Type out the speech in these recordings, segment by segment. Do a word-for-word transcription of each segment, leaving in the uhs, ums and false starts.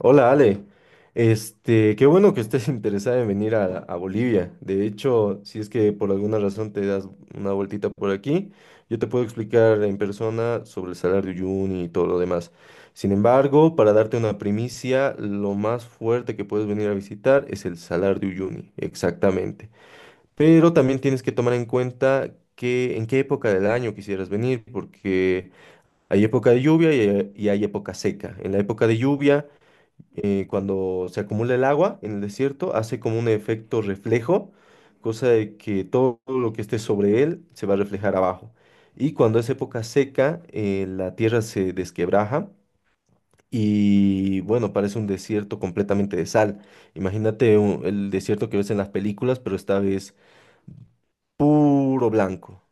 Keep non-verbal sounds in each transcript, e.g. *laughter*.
Hola Ale, este, qué bueno que estés *laughs* interesada en venir a, a Bolivia. De hecho, si es que por alguna razón te das una vueltita por aquí, yo te puedo explicar en persona sobre el Salar de Uyuni y todo lo demás. Sin embargo, para darte una primicia, lo más fuerte que puedes venir a visitar es el Salar de Uyuni, exactamente. Pero también tienes que tomar en cuenta que en qué época del año quisieras venir, porque hay época de lluvia y hay y hay época seca. En la época de lluvia, eh, cuando se acumula el agua en el desierto, hace como un efecto reflejo, cosa de que todo lo que esté sobre él se va a reflejar abajo. Y cuando es época seca, eh, la tierra se desquebraja y, bueno, parece un desierto completamente de sal. Imagínate un- el desierto que ves en las películas, pero esta vez puro blanco.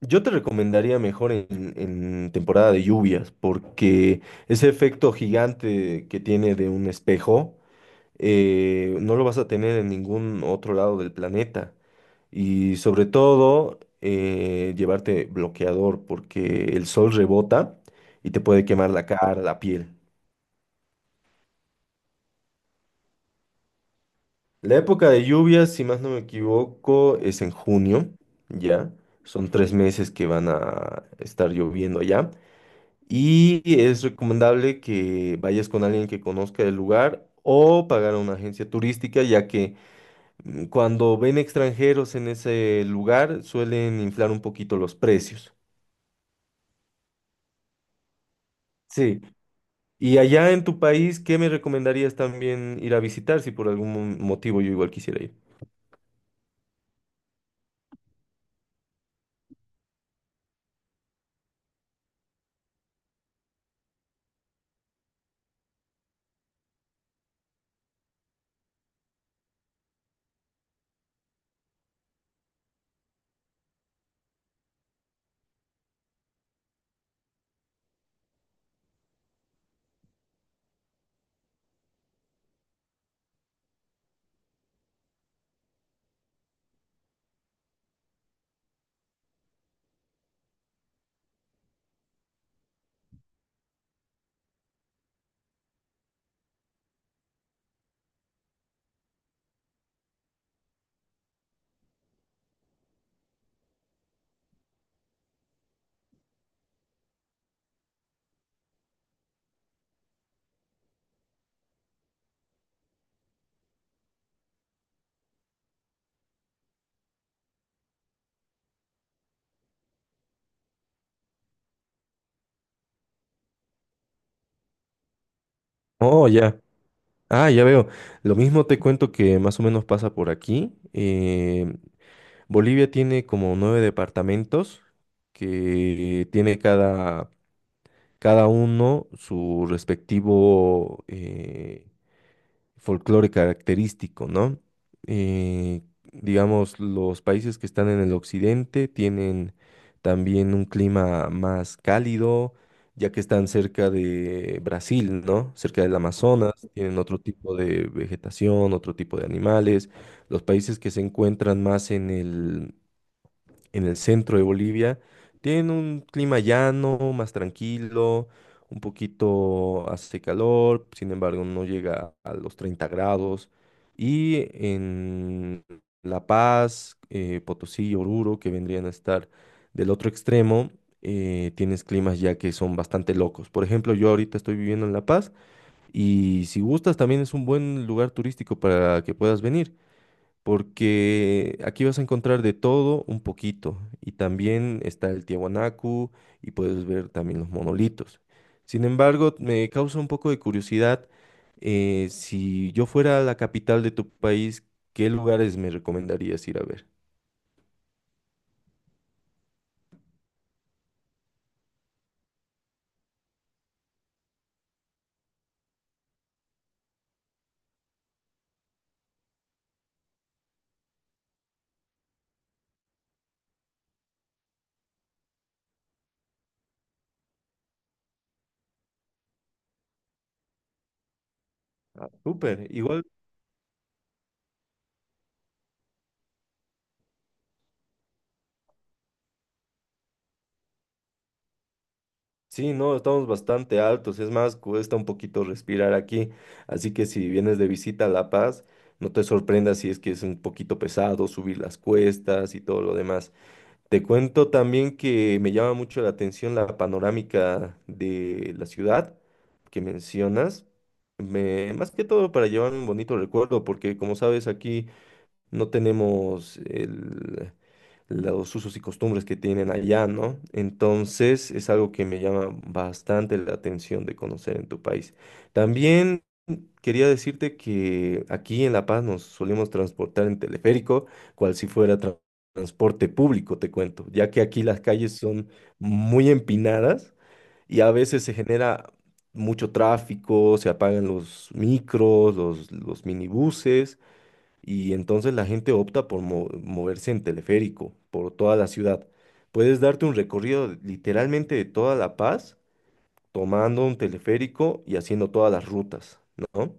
Yo te recomendaría mejor en, en temporada de lluvias, porque ese efecto gigante que tiene de un espejo, eh, no lo vas a tener en ningún otro lado del planeta. Y sobre todo, eh, llevarte bloqueador porque el sol rebota y te puede quemar la cara, la piel. La época de lluvias, si más no me equivoco, es en junio, ¿ya? Son tres meses que van a estar lloviendo allá. Y es recomendable que vayas con alguien que conozca el lugar o pagar a una agencia turística, ya que Mm, cuando ven extranjeros en ese lugar, suelen inflar un poquito los precios. Sí. Y allá en tu país, ¿qué me recomendarías también ir a visitar si por algún mo- motivo yo igual quisiera ir? Oh, ya. Ah, ya veo. Lo mismo te cuento que más o menos pasa por aquí. Eh, Bolivia tiene como nueve departamentos que tiene cada, cada uno su respectivo eh, folclore característico, ¿no? Eh, digamos, los países que están en el occidente tienen también un clima más cálido, ya que están cerca de Brasil, ¿no? Cerca del Amazonas, tienen otro tipo de vegetación, otro tipo de animales. Los países que se encuentran más en el en el centro de Bolivia, tienen un clima llano, más tranquilo, un poquito hace calor, sin embargo no llega a los 30 grados. Y en La Paz, eh, Potosí y Oruro, que vendrían a estar del otro extremo, eh, tienes climas ya que son bastante locos. Por ejemplo, yo ahorita estoy viviendo en La Paz y si gustas también es un buen lugar turístico para que puedas venir porque aquí vas a encontrar de todo un poquito y también está el Tiahuanacu y puedes ver también los monolitos. Sin embargo, me causa un poco de curiosidad, eh, si yo fuera a la capital de tu país, ¿qué lugares me recomendarías ir a ver? Ah, súper, igual. Sí, no, estamos bastante altos, es más, cuesta un poquito respirar aquí, así que si vienes de visita a La Paz, no te sorprendas si es que es un poquito pesado subir las cuestas y todo lo demás. Te cuento también que me llama mucho la atención la panorámica de la ciudad que mencionas, me- más que todo para llevarme un bonito recuerdo, porque como sabes aquí no tenemos el- los usos y costumbres que tienen allá, ¿no? Entonces es algo que me llama bastante la atención de conocer en tu país. También quería decirte que aquí en La Paz nos solemos transportar en teleférico, cual si fuera tra- transporte público, te cuento, ya que aquí las calles son muy empinadas y a veces se genera mucho tráfico, se apagan los micros, los, los minibuses y entonces la gente opta por mo- moverse en teleférico por toda la ciudad. Puedes darte un recorrido de- literalmente de toda La Paz, tomando un teleférico y haciendo todas las rutas, ¿no?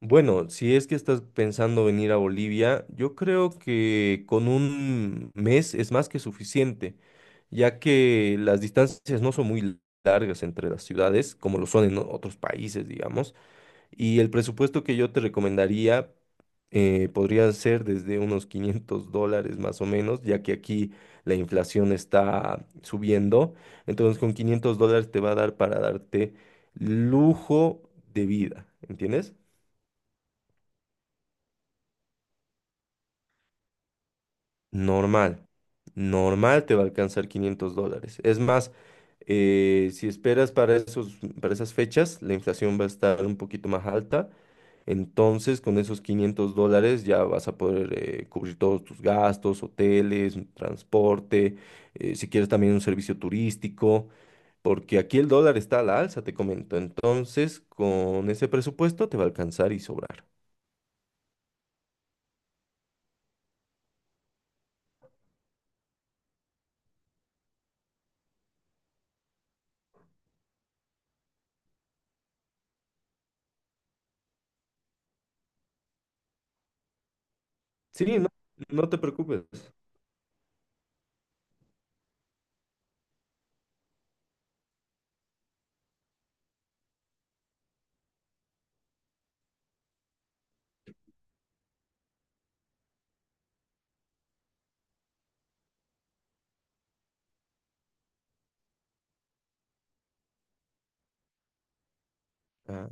Bueno, si es que estás pensando venir a Bolivia, yo creo que con un mes es más que suficiente, ya que las distancias no son muy largas entre las ciudades, como lo son en otros países, digamos. Y el presupuesto que yo te recomendaría, eh, podría ser desde unos quinientos dólares más o menos, ya que aquí la inflación está subiendo. Entonces con quinientos dólares te va a dar para darte lujo de vida, ¿entiendes? Normal, normal te va a alcanzar quinientos dólares. Es más, eh, si esperas para esos, para esas fechas, la inflación va a estar un poquito más alta. Entonces, con esos quinientos dólares ya vas a poder eh, cubrir todos tus gastos, hoteles, un transporte, eh, si quieres también un servicio turístico, porque aquí el dólar está a la alza, te comento. Entonces, con ese presupuesto te va a alcanzar y sobrar. Sí, no, no te preocupes. Ah,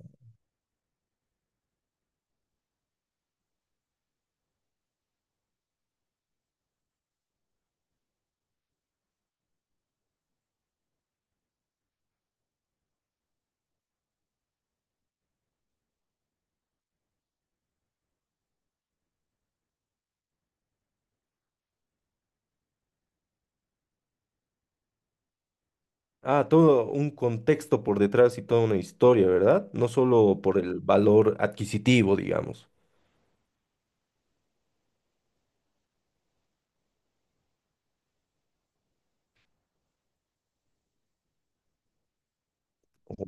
ah, todo un contexto por detrás y toda una historia, ¿verdad? No solo por el valor adquisitivo, digamos.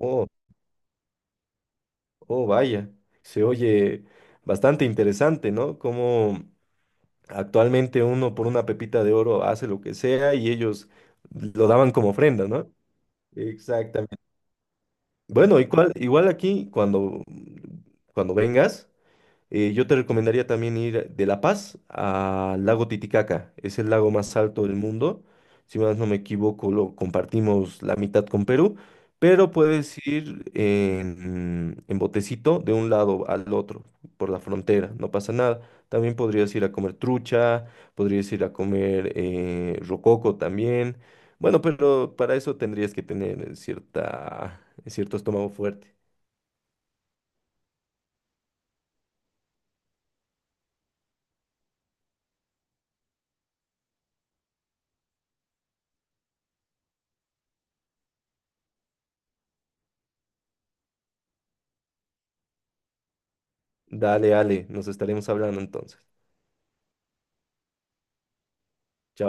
Oh, oh, vaya, se oye bastante interesante, ¿no? Como actualmente uno por una pepita de oro hace lo que sea y ellos lo daban como ofrenda, ¿no? Exactamente. Bueno, igual, igual aquí cuando, cuando vengas. Eh, yo te recomendaría también ir de La Paz al lago Titicaca. Es el lago más alto del mundo. Si más no me equivoco, lo compartimos la mitad con Perú, pero puedes ir en, en, botecito de un lado al otro, por la frontera, no pasa nada. También podrías ir a comer trucha, podrías ir a comer eh, rococo también. Bueno, pero para eso tendrías que tener cierta, cierto estómago fuerte. Dale, Ale, nos estaremos hablando entonces. Chao.